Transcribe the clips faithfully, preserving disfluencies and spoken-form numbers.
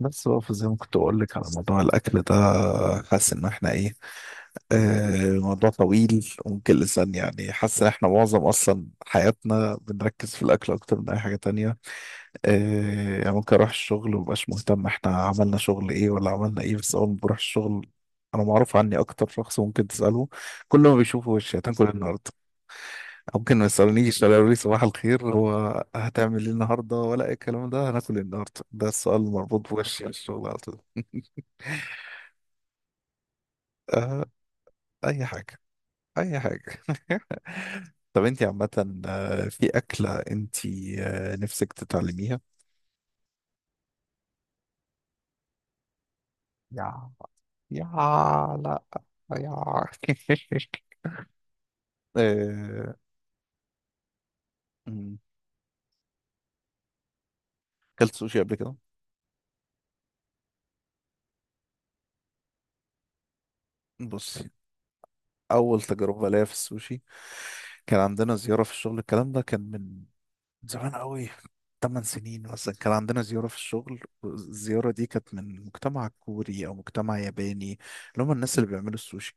بس بقى زي ما كنت اقول لك على موضوع الاكل ده، حاسس ان احنا ايه. آه موضوع طويل وممكن لسان، يعني حاسس ان احنا معظم اصلا حياتنا بنركز في الاكل اكتر من اي حاجه تانية. آه يعني ممكن اروح الشغل ومبقاش مهتم احنا عملنا شغل ايه ولا عملنا ايه، بس اول ما بروح الشغل انا معروف عني اكتر شخص ممكن تساله كل ما بيشوفه وشي هتاكل النهارده. ممكن ما يسألونيش ولا يقولوا لي صباح الخير، هو هتعمل ايه النهارده ولا اي الكلام ده، هناكل ايه النهارده، ده السؤال المربوط بوشي في الشغل على طول. آه، اي حاجه، اي حاجه. طب انت عامه، آه، في اكله انت آه، نفسك تتعلميها؟ يا، يا، لا، يا. آه، مم. اكلت سوشي قبل كده؟ بصي، اول تجربه ليا في السوشي كان عندنا زياره في الشغل. الكلام ده كان من زمان قوي، ثمان سنين مثلا. كان عندنا زيارة في الشغل، الزيارة دي كانت من مجتمع كوري أو مجتمع ياباني، اللي هم الناس اللي بيعملوا السوشي.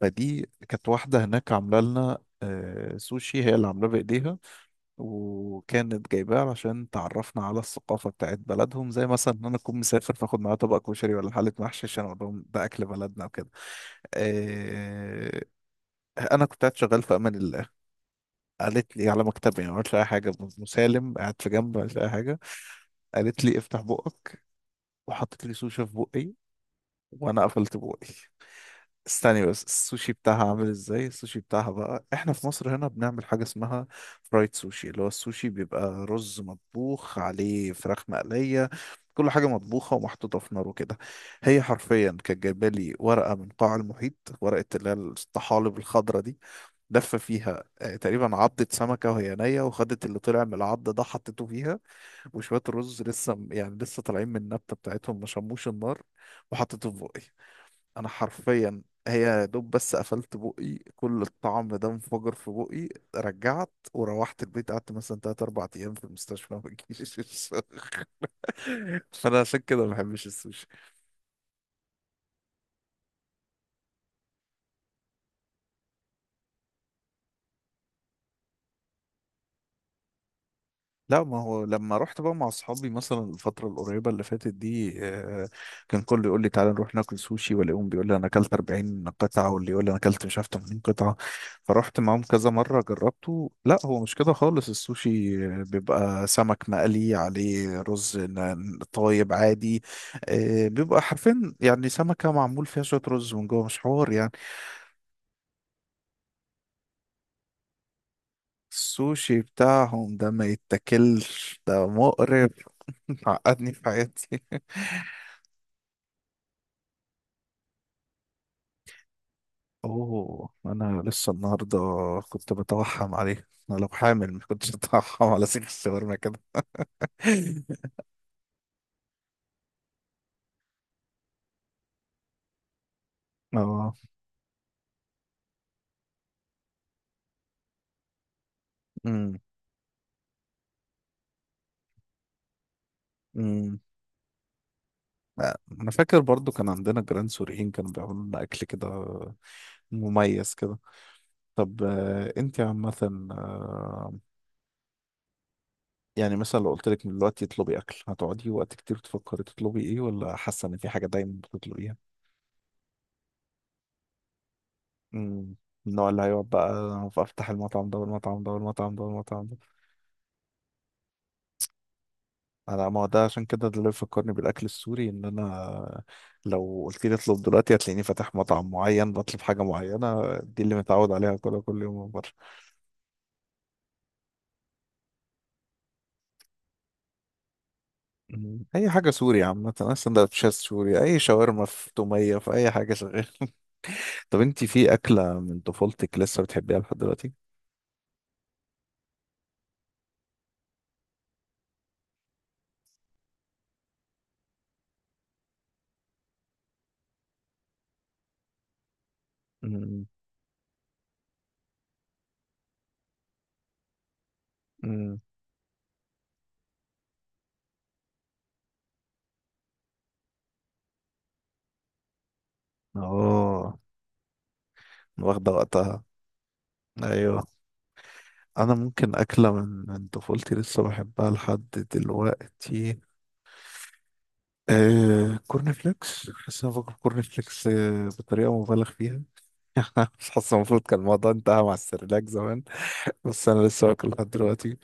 فدي كانت واحدة هناك عاملة لنا آه، سوشي، هي اللي عاملاه بإيديها وكانت جايباه عشان تعرفنا على الثقافة بتاعت بلدهم، زي مثلا إن أنا أكون مسافر فآخد معايا طبق كشري ولا حلة محشي عشان أقول لهم ده أكل بلدنا وكده. آه، أنا كنت قاعد شغال في أمان الله، قالت لي على مكتبي، ما عملتش أي حاجة، مسالم قاعد في جنب، ما عملتش أي حاجة، قالت لي افتح بقك وحطت لي سوشي في بقي وانا قفلت بقي. استني بس، السوشي بتاعها عامل ازاي؟ السوشي بتاعها بقى، احنا في مصر هنا بنعمل حاجة اسمها فرايد سوشي، اللي هو السوشي بيبقى رز مطبوخ عليه فراخ مقلية، كل حاجة مطبوخة ومحطوطة في نار وكده. هي حرفيا كانت جايبة لي ورقة من قاع المحيط، ورقة اللي هي الطحالب الخضرا دي، لفة فيها آه، تقريبا عضة سمكة وهي نية، وخدت اللي طلع من العض ده حطته فيها وشوية الرز لسه م- يعني لسه طالعين من النبتة بتاعتهم ما شموش النار، وحطيته في بقي. أنا حرفيا هي يا دوب بس قفلت بقي كل الطعم ده انفجر في بقي. رجعت وروحت البيت، قعدت مثلا تلات أربع أيام في المستشفى ما بجيش. فأنا عشان كده ما بحبش السوشي. لا، ما هو لما رحت بقى مع اصحابي مثلا الفتره القريبه اللي فاتت دي، آه، كان كله يقول لي تعالى نروح ناكل سوشي، والاقيهم بيقول لي انا اكلت أربعين قطعة قطعه واللي يقول لي انا اكلت مش عارف تمانين قطعة قطعه. فرحت معاهم كذا مره جربته، لا هو مش كده خالص. السوشي آه، بيبقى سمك مقلي عليه رز ن- طايب عادي، آه، بيبقى حرفيا يعني سمكه معمول فيها شويه رز من جوه، مش حوار يعني. السوشي بتاعهم ده ما يتاكلش، ده مقرف. عقدني في حياتي. اوه، انا لسه النهارده كنت بتوحم عليه، انا لو حامل ما كنتش اتوحم على سيخ الشاورما كده. اه، امم، امم، آه، انا فاكر برضو كان عندنا جيران سوريين كانوا بيعملوا لنا اكل كده مميز كده. طب آه، انت عامه، آه، يعني مثلا لو قلت لك من دلوقتي اطلبي اكل هتقعدي وقت كتير تفكري تطلبي ايه؟ ولا حاسه ان في حاجه دايما بتطلبيها؟ امم، النوع اللي هيقعد بقى فافتح المطعم ده والمطعم ده والمطعم ده والمطعم. انا ما هو ده عشان كده ده اللي بيفكرني بالاكل السوري، ان انا لو قلت لي اطلب دلوقتي هتلاقيني فاتح مطعم معين بطلب حاجه معينه، دي اللي متعود عليها كلها كل يوم من بره. مم. اي حاجه سوري عامه، اي سندوتشات سوري، اي شاورما في توميه في اي حاجه شغال. طب انت في اكله من طفولتك لسه بتحبيها لحد دلوقتي؟ مم. مم. اه، واخده وقتها. ايوه، انا ممكن اكله من من طفولتي لسه بحبها لحد دلوقتي، آه كورن فليكس. حاسس ان أنا باكل كورن فليكس آه بطريقه مبالغ فيها. مش حاسس المفروض كان الموضوع انتهى مع السيرلاك زمان، بس انا لسه واكل لحد دلوقتي.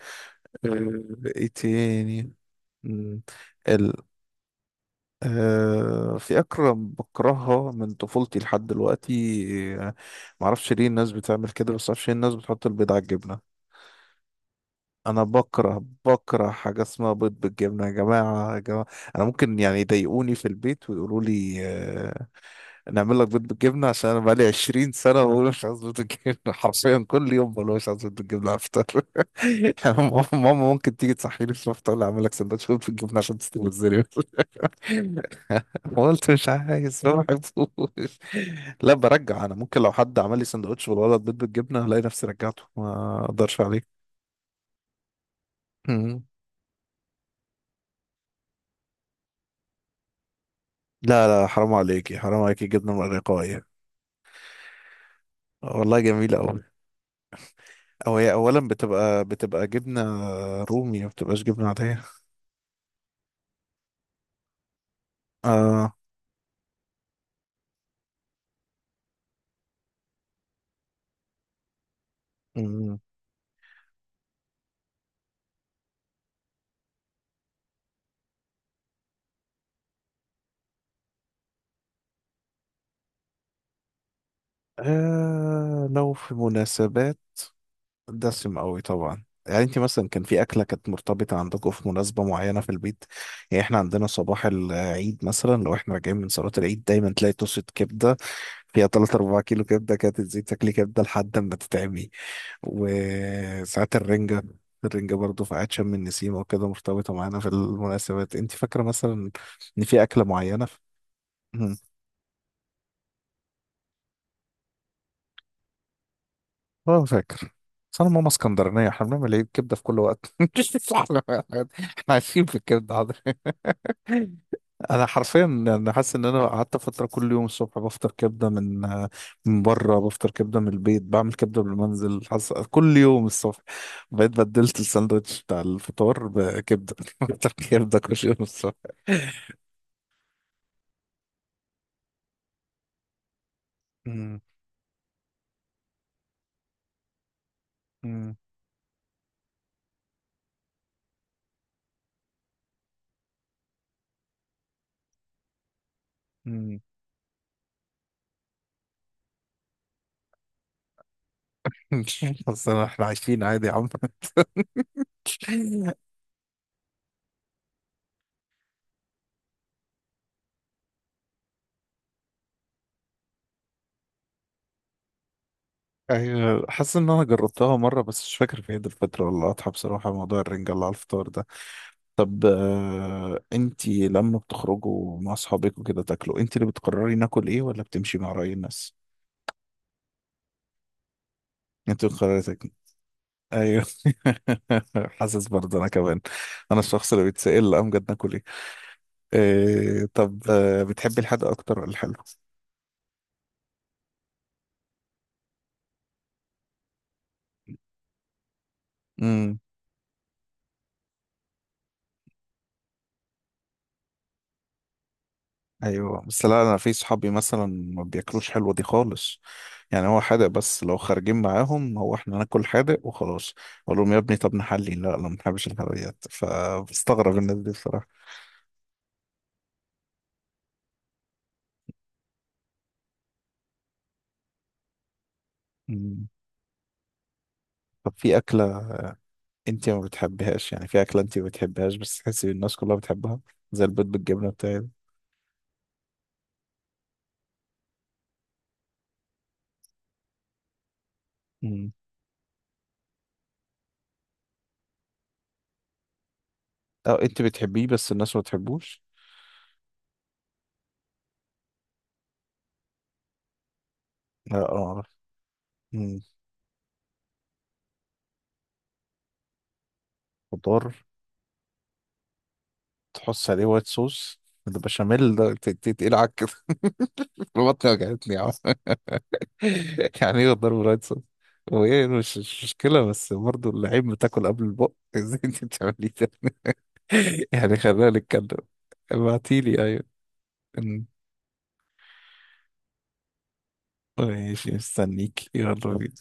آه، ايه تاني؟ مم، ال، آه، في اكله بكرهها من طفولتي لحد دلوقتي. آه، معرفش ليه الناس بتعمل كده، بس معرفش ليه الناس بتحط البيض على الجبنه. انا بكره بكره حاجه اسمها بيض بالجبنه، يا جماعه يا جماعه. انا ممكن يعني يضايقوني في البيت ويقولوا لي آه، نعمل لك بيض بالجبنه، عشان انا بقالي عشرين سنة سنه بقول مش عايز بيض بالجبنه. حرفيا كل يوم بقول مش عايز بيض بالجبنه على الفطار. ماما ماما ممكن تيجي تصحيني في الفطار تقول لي اعمل لك سندوتش بيض بالجبنه عشان تستوي الزري. قلت مش عايز، ما بحبوش. لا برجع، انا ممكن لو حد عمل لي سندوتش بالولد بيض بالجبنه الاقي نفسي رجعته، ما اقدرش عليه. مم. لا لا، حرام عليكي، حرام عليكي، جبنه مرقاية والله جميله قوي. او هي اولا بتبقى بتبقى جبنه رومي، ما بتبقاش جبنه عاديه. آه. مم. آه. لو في مناسبات، دسم قوي طبعا. يعني انت مثلا كان في اكله كانت مرتبطه عندكم في مناسبه معينه في البيت؟ يعني احنا عندنا صباح العيد مثلا لو احنا راجعين من صلاه العيد دايما تلاقي طاسه كبده فيها تلاتة 4 كيلو كبده، كانت تزيد تاكلي كبده لحد ما تتعبي. وساعات الرنجه، الرنجة برضه في عيد شم النسيم وكده، مرتبطة معانا في المناسبات. انت فاكرة مثلا ان في أكلة معينة؟ مم. اه فاكر. بس انا ماما اسكندرانيه احنا بنعمل ايه كبده في كل وقت. احنا إحنا عايشين في الكبده، حاضر. انا حرفيا انا حاسس ان انا قعدت فتره كل يوم الصبح بفطر كبده، من من بره بفطر كبده، من البيت بعمل كبده بالمنزل، حاسس كل يوم الصبح بقيت بدلت الساندوتش بتاع الفطار بكبده. بفطر كبده كل يوم الصبح. أمم، أمم، أمم. بس أنا- احنا عايشين عادي يا عم. أيوة، حاسس إن أنا جربتها مرة بس مش فاكر في عيد الفطر ولا الأضحى بصراحة، موضوع الرنجة اللي على الفطار ده. طب آه، أنتي لما بتخرجوا مع أصحابك وكده تاكلوا أنتي اللي بتقرري ناكل إيه ولا بتمشي مع رأي الناس؟ أنتي بتقرري تاكلي، أيوة. حاسس برضه أنا كمان، أنا الشخص اللي بيتسأل لا أمجد ناكل إيه. آه، طب آه، بتحبي الحادق أكتر ولا الحلو؟ امم، أيوة، بس لا أنا في صحابي مثلا ما بياكلوش حلوة دي خالص، يعني هو حادق بس، لو خارجين معاهم هو احنا ناكل حادق وخلاص، اقول لهم يا ابني طب نحلي، لا لا ما بنحبش الحلويات. فبستغرب الناس دي بصراحة. مم. طب في أكلة أنت ما بتحبهاش؟ يعني في أكلة أنت ما بتحبهاش بس تحسي الناس كلها بتحبها، زي البيض بالجبنة بتاعي ده. مم. أه أنت بتحبيه بس الناس ما بتحبوش. لا أعرف. مم. خضار تحط عليه وايت صوص؟ البشاميل ده ت- ت- تقيل على بطني، وجعتني يا عم. يعني ايه الضرب رايت صدر؟ هو ايه، مش مش مشكلة، بس برضه اللعيب بتاكل قبل البق. ازاي انت بتعملي ده؟ يعني خلينا نتكلم. ابعتيلي، ايوه. أمم. ماشي، مستنيك، يلا بينا.